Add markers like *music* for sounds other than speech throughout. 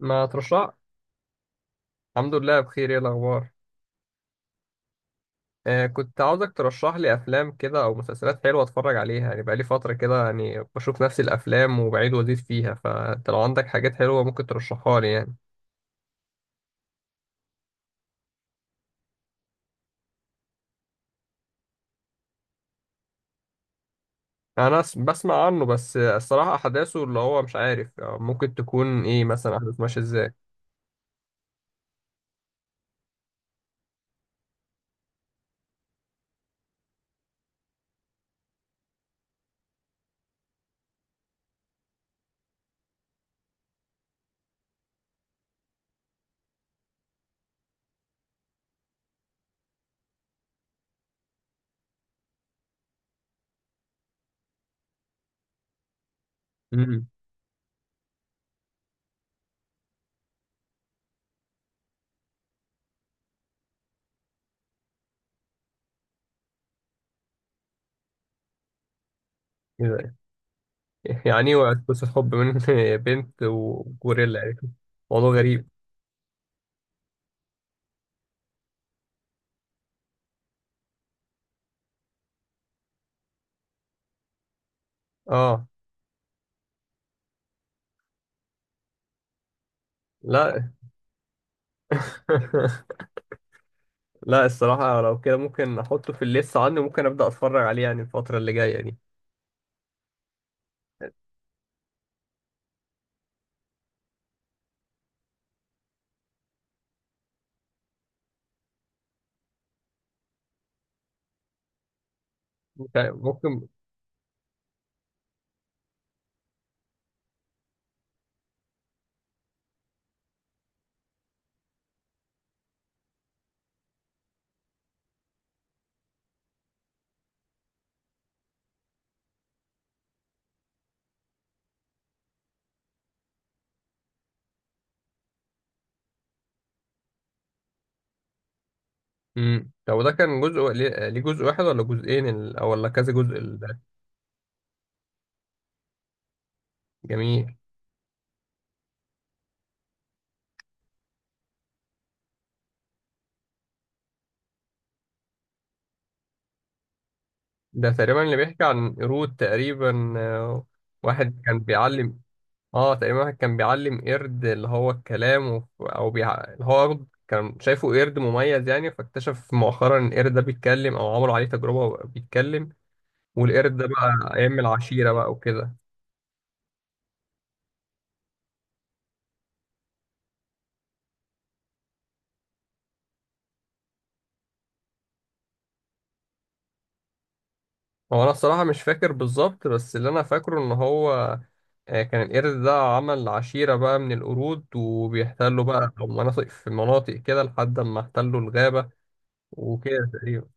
ما ترشح. الحمد لله بخير. ايه الاخبار؟ آه، كنت عاوزك ترشح لي افلام كده او مسلسلات حلوه اتفرج عليها، يعني بقالي فتره كده، يعني بشوف نفس الافلام وبعيد وازيد فيها، فانت لو عندك حاجات حلوه ممكن ترشحها لي يعني. انا بسمع عنه بس، الصراحه احداثه اللي هو مش عارف، ممكن تكون ايه مثلا احداث ماشيه ازاي؟ امم كده. *laughs* يعني ايه، قصه حب من *laughs* بنت وجوريلا يعني؟ موضوع غريب. اه. لا. *laughs* لا الصراحة لو كده ممكن أحطه في الليست عندي، وممكن أبدأ أتفرج عليه يعني الفترة اللي جاية دي. ممكن ممكن. طب ده كان جزء، ليه جزء واحد ولا جزئين، أو ولا كذا جزء ده؟ جميل. ده تقريبا اللي بيحكي عن قرود تقريبا، واحد كان بيعلم اه تقريبا، واحد كان بيعلم قرد اللي هو الكلام أو اللي هو قرد كان شايفه قرد مميز يعني، فاكتشف مؤخرا إن القرد ده بيتكلم أو عملوا عليه تجربة بيتكلم. والقرد ده بقى يعمل عشيرة بقى وكده. هو انا الصراحه مش فاكر بالظبط، بس اللي انا فاكره ان هو كان القرد ده عمل عشيره بقى من القرود، وبيحتلوا بقى مناطق في مناطق كده لحد ما احتلوا الغابه وكده تقريبا.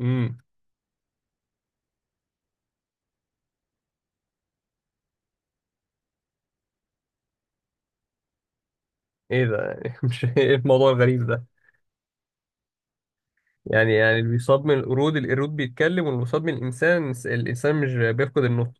امم ايه ده يعني؟ *laughs* مش ايه الموضوع الغريب ده؟ يعني اللي بيصاب من القرود، القرود بيتكلم، واللي بيصاب من الانسان، الانسان مش بيفقد النطق.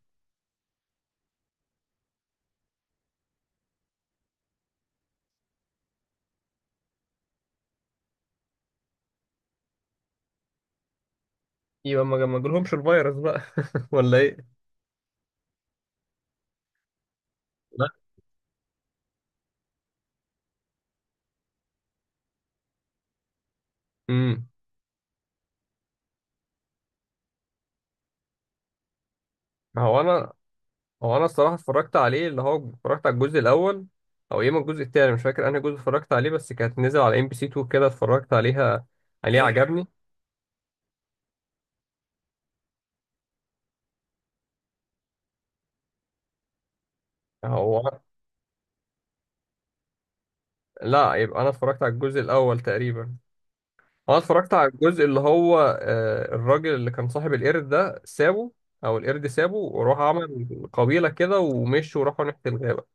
يبقى ما جالهمش الفيروس بقى *laughs* ولا ايه؟ لا. امم ما هو انا هو انا الصراحه اتفرجت عليه، اللي هو اتفرجت على الجزء الاول، او يا اما الجزء التاني، مش فاكر انهي جزء اتفرجت عليه، بس كانت نزل على ام بي سي 2 كده اتفرجت عليها، عليه، حلو عجبني. هو لا، يبقى انا اتفرجت على الجزء الاول تقريبا. انا اتفرجت على الجزء اللي هو، الراجل اللي كان صاحب القرد ده سابه، او القرد سابه وراح عمل قبيله كده ومشوا وراحوا ناحيه الغابه.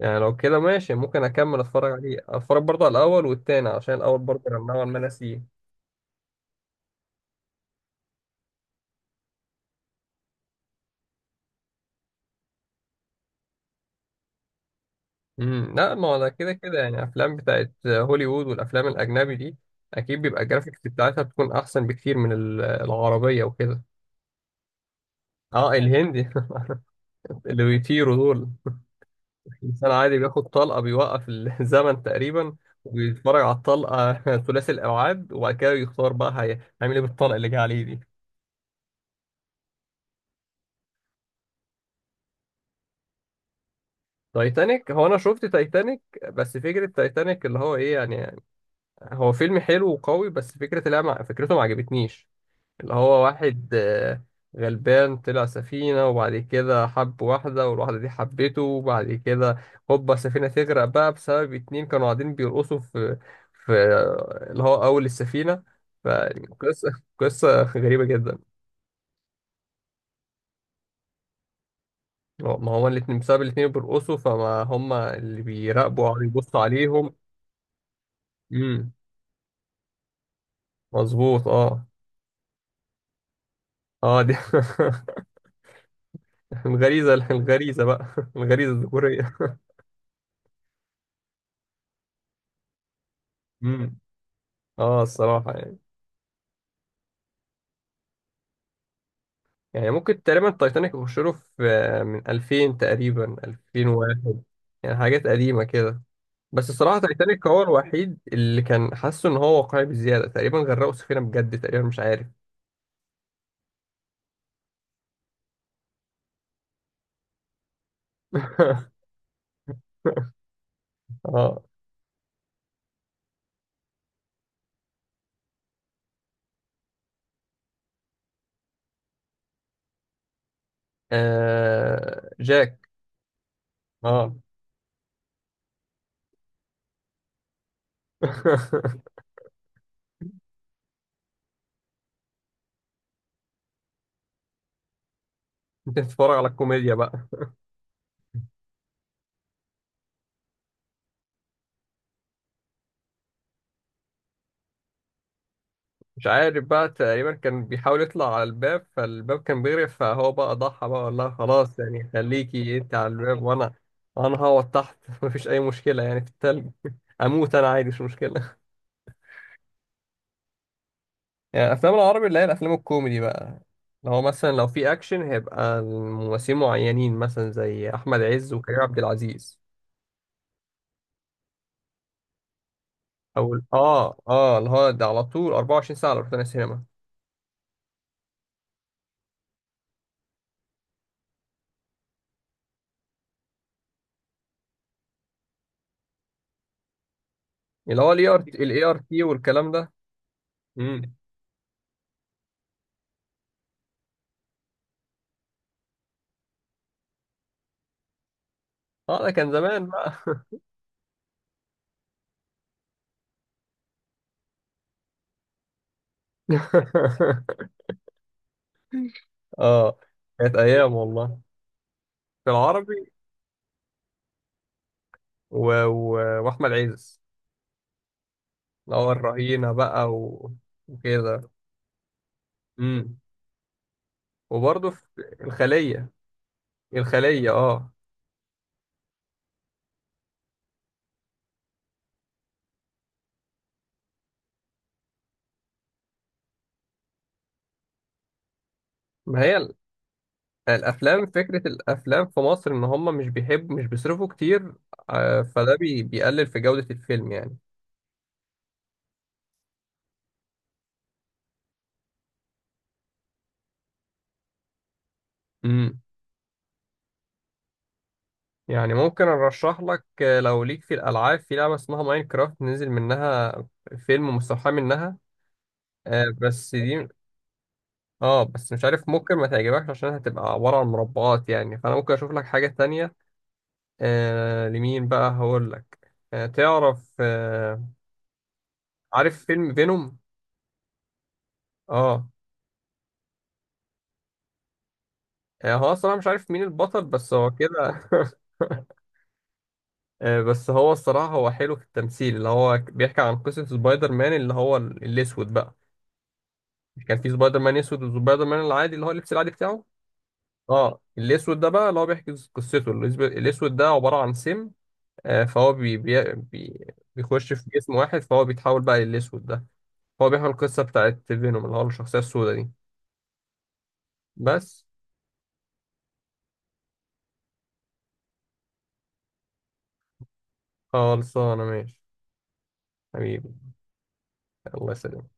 يعني لو كده ماشي، ممكن اكمل اتفرج عليه، اتفرج برضه على الاول والتاني عشان الاول برضه كان نوعا ما ناسيه. لا ما هو ده كده كده يعني افلام بتاعت هوليوود والافلام الاجنبي دي اكيد بيبقى الجرافيكس بتاعتها بتكون احسن بكتير من العربيه وكده. اه الهندي. *laughs* اللي بيطيروا دول، الانسان عادي بياخد طلقه، بيوقف الزمن تقريبا، وبيتفرج على الطلقه *laughs* ثلاثي الابعاد وبعد كده يختار بقى هيعمل ايه بالطلقه اللي جه عليه دي. تايتانيك، هو انا شفت تايتانيك، بس فكره تايتانيك اللي هو ايه يعني، هو فيلم حلو وقوي، بس فكره، لا، فكرته ما عجبتنيش. اللي هو واحد غلبان طلع سفينة، وبعد كده حب واحدة والواحدة دي حبته، وبعد كده هوبا السفينة تغرق بقى بسبب اتنين كانوا قاعدين بيرقصوا في اللي هو أول السفينة. فقصة، قصة غريبة جدا. ما هو الاتنين، بسبب الاتنين بيرقصوا، فما هما اللي بيراقبوا أو بيبصوا عليهم. امم مظبوط اه. اه، دي *laughs* الغريزة، الغريزة بقى، الغريزة الذكورية. امم اه الصراحة يعني. يعني ممكن تقريبا التايتانيك يخش له في، من 2000 تقريبا، 2001، يعني حاجات قديمة كده. بس الصراحة تايتانيك هو الوحيد اللي كان حاسه ان هو واقعي بزيادة، تقريبا غرقوا سفينة بجد تقريبا، مش عارف. *laughs* اه، جاك. اه. *laughs* انت بتتفرج على الكوميديا بقى. مش عارف بقى، تقريبا كان بيحاول يطلع على الباب فالباب كان بيغرق، فهو بقى ضحى بقى وقال لها خلاص، يعني خليكي انت على الباب وانا انا هقعد تحت. *laughs* مفيش اي مشكله يعني في التلج. *laughs* اموت انا عادي مش مشكله. *laughs* يعني الافلام العربي اللي هي الافلام الكوميدي بقى، لو مثلا لو في اكشن هيبقى الممثلين معينين مثلا زي احمد عز وكريم عبد العزيز. او اه اه اللي هو ده على طول 24 ساعه لو رحنا السينما. اللي هو الاي ار، الاي ار تي، والكلام ده. امم اه ده كان زمان بقى. *laughs* اه كانت ايام والله. في العربي و... و... واحمد عز. اللي هو الرهينه بقى وكده. امم وبرضه في الخليه. الخليه اه. ما هي الافلام، فكره الافلام في مصر ان هم مش بيحبوا، مش بيصرفوا كتير، فده بيقلل في جوده الفيلم يعني. امم يعني ممكن ارشح لك، لو ليك في الالعاب في لعبه اسمها ماينكرافت، نزل منها فيلم مستوحى منها. بس دي، اه، بس مش عارف ممكن ما تعجبكش عشان هتبقى عبارة عن مربعات يعني، فانا ممكن اشوف لك حاجة تانية. لمين بقى هقول لك؟ آه تعرف آه عارف فيلم فينوم؟ اه. هو الصراحة مش عارف مين البطل بس هو كده. *laughs* بس هو الصراحة هو حلو في التمثيل، اللي هو بيحكي عن قصة سبايدر مان اللي هو الأسود بقى. كان في سبايدر مان أسود، وسبايدر مان العادي اللي هو اللبس العادي بتاعه. اه الأسود ده بقى اللي هو بيحكي قصته، الأسود ده عبارة عن سم، فهو بي بي بي بيخش في جسم واحد، فهو بيتحول بقى للأسود ده. هو بيحمل القصة بتاعت فينوم اللي هو الشخصية السوداء دي. بس. خلصانة ماشي. حبيبي. الله يسلمك.